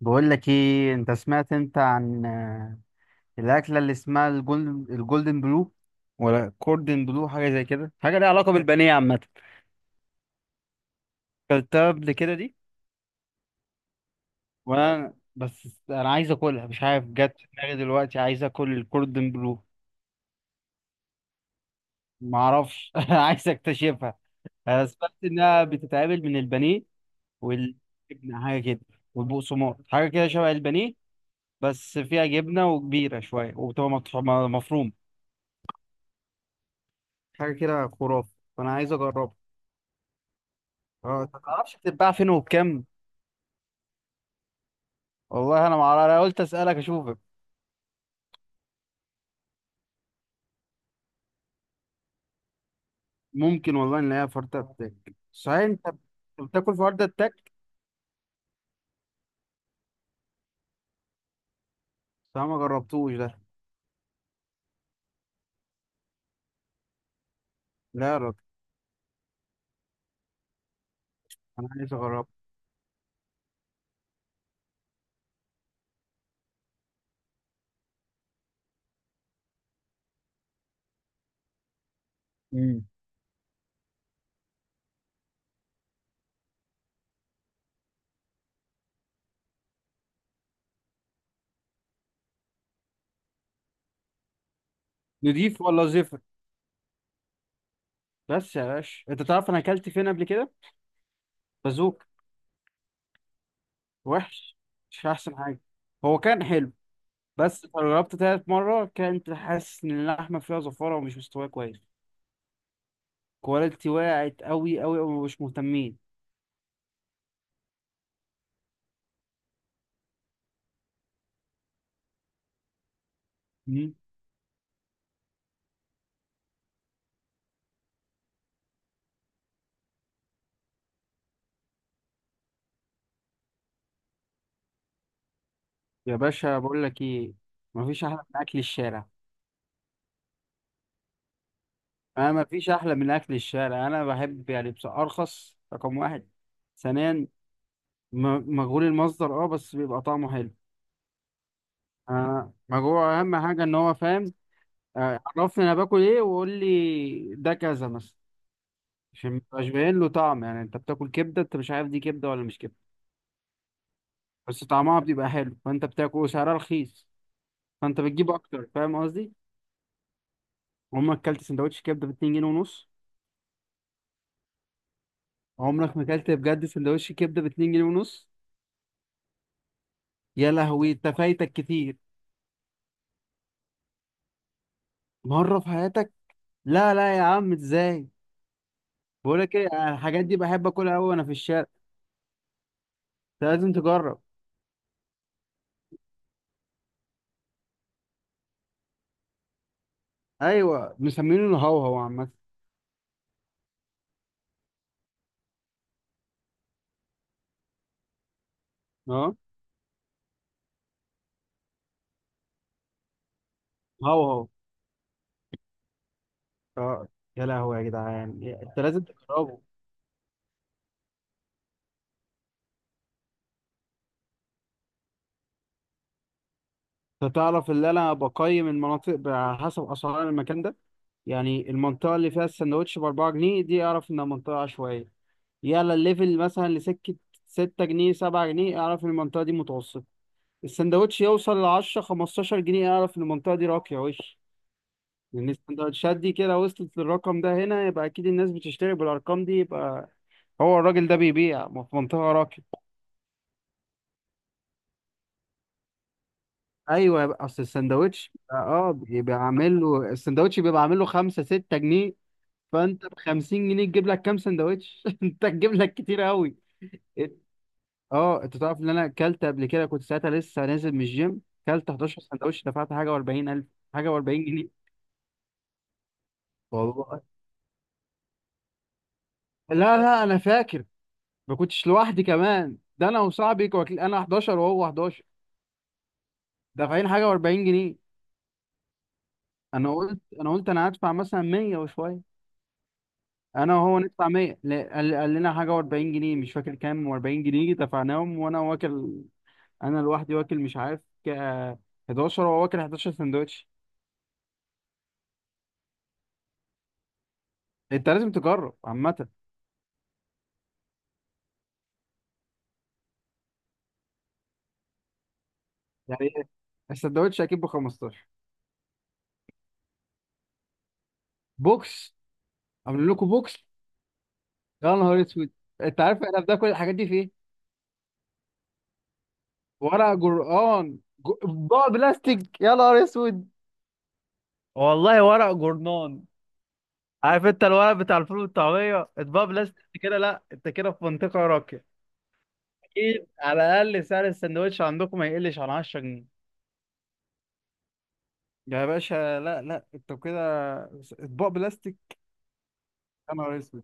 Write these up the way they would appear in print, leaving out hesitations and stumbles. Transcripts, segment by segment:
بقول لك ايه، انت سمعت عن الاكله اللي اسمها الجولدن بلو، ولا كوردن بلو؟ حاجه زي كده، حاجه ليها علاقه بالبانيه عامه. اكلتها قبل كده دي؟ وانا بس انا عايز اكلها، مش عارف، جت في دماغي دلوقتي عايز اكل الكوردن بلو. ما اعرفش. عايز اكتشفها. انا سمعت انها بتتعمل من البانيه والجبنه حاجه كده، والبقسماط حاجه كده شبه البانيه، بس فيها جبنه وكبيره شويه، وبتبقى مفرومه. حاجه كده خرافه، فانا عايز اجربها. اه، انت ما تعرفش بتتباع فين وبكام؟ والله انا ما اعرف، انا قلت اسالك اشوفك. ممكن والله نلاقيها في ورده التك. صحيح انت بتاكل في ورده التك؟ صح، ما جربتوش ده؟ لا يا راجل، انا عايز اجربه. امم نضيف ولا زفر؟ بس يا باشا، انت تعرف انا اكلت فين قبل كده؟ بازوك. وحش. مش احسن حاجه. هو كان حلو، بس لما جربت تالت مره كنت حاسس ان اللحمه فيها زفاره ومش مستويه كويس. كواليتي وقعت قوي قوي ومش مهتمين. يا باشا، بقول لك ايه، مفيش احلى من اكل الشارع. انا مفيش احلى من اكل الشارع. انا بحب يعني، بس ارخص، رقم واحد. ثانيا، مجهول المصدر، بس بيبقى طعمه حلو. مجهول، اهم حاجه ان هو فاهم. عرفني انا باكل ايه، وقول لي ده كذا مثلا، عشان مبقاش باين له طعم. يعني انت بتاكل كبده، انت مش عارف دي كبده ولا مش كبده، بس طعمها بيبقى حلو، فانت بتاكل وسعرها رخيص، فانت بتجيب اكتر. فاهم قصدي؟ عمرك اكلت سندوتش كبده ب 2 جنيه ونص؟ عمرك ما اكلت بجد سندوتش كبده ب 2 جنيه ونص. يا لهوي، انت فايتك كتير. مره في حياتك؟ لا لا يا عم، ازاي؟ بقولك ايه، أنا الحاجات دي بحب اكلها قوي وانا في الشارع. انت لازم تجرب. ايوه، مسمينه الهوهو عامه. اه، هوهو. اه، يا لهوي يا جدعان، انت لازم تجربه. انت تعرف ان انا بقيم المناطق على حسب اسعار المكان ده؟ يعني المنطقه اللي فيها السندوتش ب 4 جنيه دي، اعرف انها منطقه عشوائيه. يلا الليفل مثلا لسكة، ستة جنيه سبعة جنيه، اعرف ان المنطقة دي متوسطة. السندوتش يوصل لعشرة خمستاشر جنيه، اعرف ان المنطقة دي راقية وش. لأن السندوتشات دي كده وصلت للرقم ده هنا، يبقى أكيد الناس بتشتري بالأرقام دي، يبقى هو الراجل ده بيبيع في منطقة راقية. أيوة، يبقى أصل السندوتش بيبقى عامل له السندوتش بيبقى عامل له خمسة ستة جنيه. فأنت بخمسين جنيه تجيب لك كام سندوتش؟ أنت تجيب لك كتير أوي. اه، انت تعرف ان انا اكلت قبل كده؟ كنت ساعتها لسه نازل من الجيم. اكلت 11 سندوتش، دفعت حاجه و40 الف، حاجه و40 جنيه. والله. لا لا، انا فاكر. ما كنتش لوحدي كمان، ده انا وصاحبي كواكل، انا 11 وهو 11. دافعين حاجه و40 جنيه. انا قلت، انا هدفع مثلا 100 وشويه. انا وهو ندفع 100؟ لا، قال لنا حاجه و40 جنيه، مش فاكر كام و40 جنيه، دفعناهم وانا واكل. انا لوحدي واكل، مش عارف، 11 وهو واكل 11 سندوتش. انت لازم تجرب عامه. يعني ايه، السندوتش اكيد ب 15؟ بوكس. عاملين لكم بوكس؟ يا نهار اسود. انت عارف احنا بناكل الحاجات دي في ايه؟ ورق جرآن، بقى بلاستيك يا نهار اسود؟ والله ورق جورنان. عارف انت الورق بتاع الفول والطعميه؟ اطباق بلاستيك انت كده؟ لا، انت كده في منطقه راقيه. اكيد على الاقل سعر السندوتش عندكم ما يقلش عن 10 جنيه. يا باشا، لا لا، انت كده اطباق بلاستيك؟ يا نهار اسود.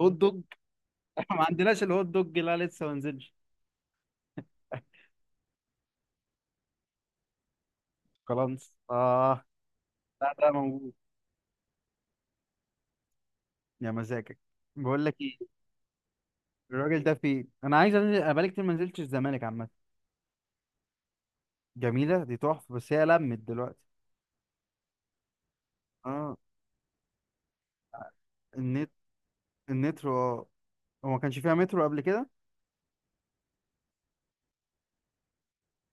هوت دوج؟ ما عندناش الهوت دوج، لا لسه ما نزلش. خلاص، اه. لا، ده موجود. يا مزاجك. بقول لك ايه، الراجل ده فين؟ انا عايز انزل، انا بقالي كتير ما نزلتش الزمالك عامه. جميله دي تحفه، بس هي لمت دلوقتي. اه. النت النترو، اه. هو ما كانش فيها مترو قبل كده؟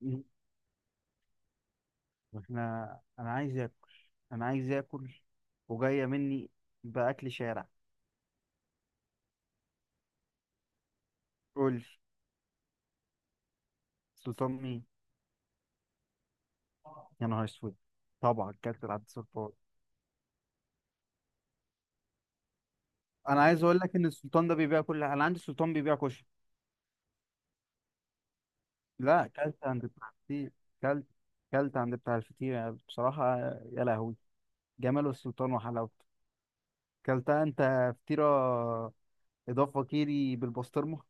مم. احنا انا عايز اكل، انا عايز اكل، وجايه مني باكل شارع. قول لي. سلطان مين؟ يا نهار اسود. طبعا، كابتن عبد السلطان. انا عايز اقول لك ان السلطان ده بيبيع كل، انا عندي السلطان بيبيع كشري. لا، كلت عند بتاع الفطير. كلت كلت عند بتاع الفطير، يعني بصراحة، يا لهوي جمال السلطان وحلاوته. كلتها انت فطيرة إضافة كيري بالبسطرمة؟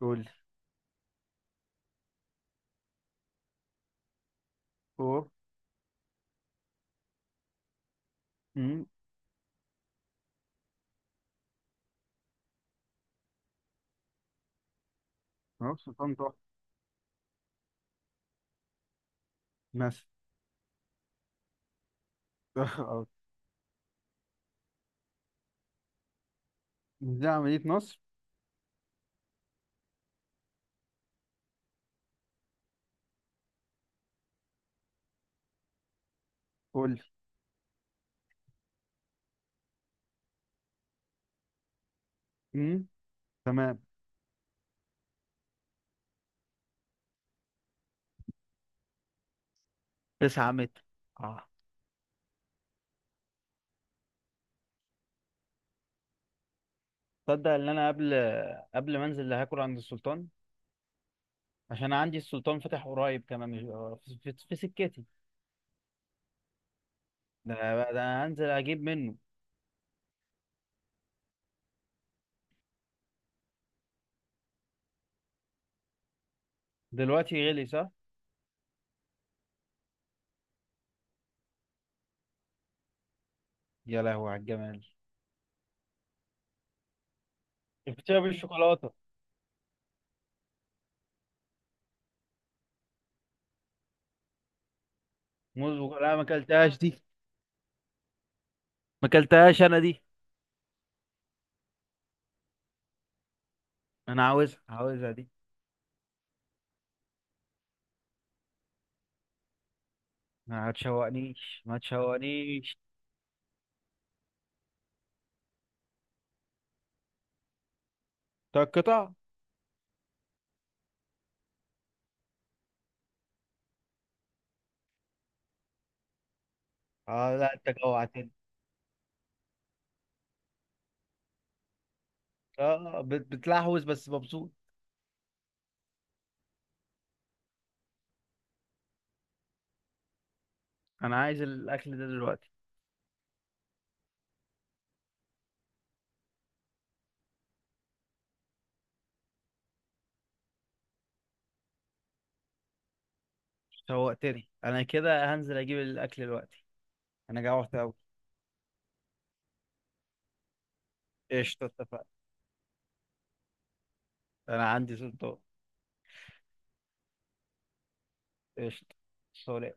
قول لي. أوه. أمم. أهو السلطان تحفة. مثلا. أه. دي عملية نصر. قول لي. أمم. تمام. 9 متر، اه. تصدق ان انا قبل ما انزل هاكل عند السلطان؟ عشان عندي السلطان فاتح قريب كمان، في سكتي. ده انا هنزل اجيب منه. دلوقتي غلي صح. يا لهوي على الجمال. الفطيرة بالشوكولاتة. موز لا، ما اكلتهاش دي، ما اكلتهاش انا دي. انا عاوزها، عاوزها دي. ما تشوقنيش ما تشوقنيش. طب قطع. اه لا، انت جوعتني. اه، بتلحوز بس مبسوط. انا عايز الاكل ده دلوقتي. شوقتني، انا كده هنزل اجيب الاكل دلوقتي. انا جوعت قوي. قشطة، اتفقنا. انا عندي سلطان. قشطة. سلام.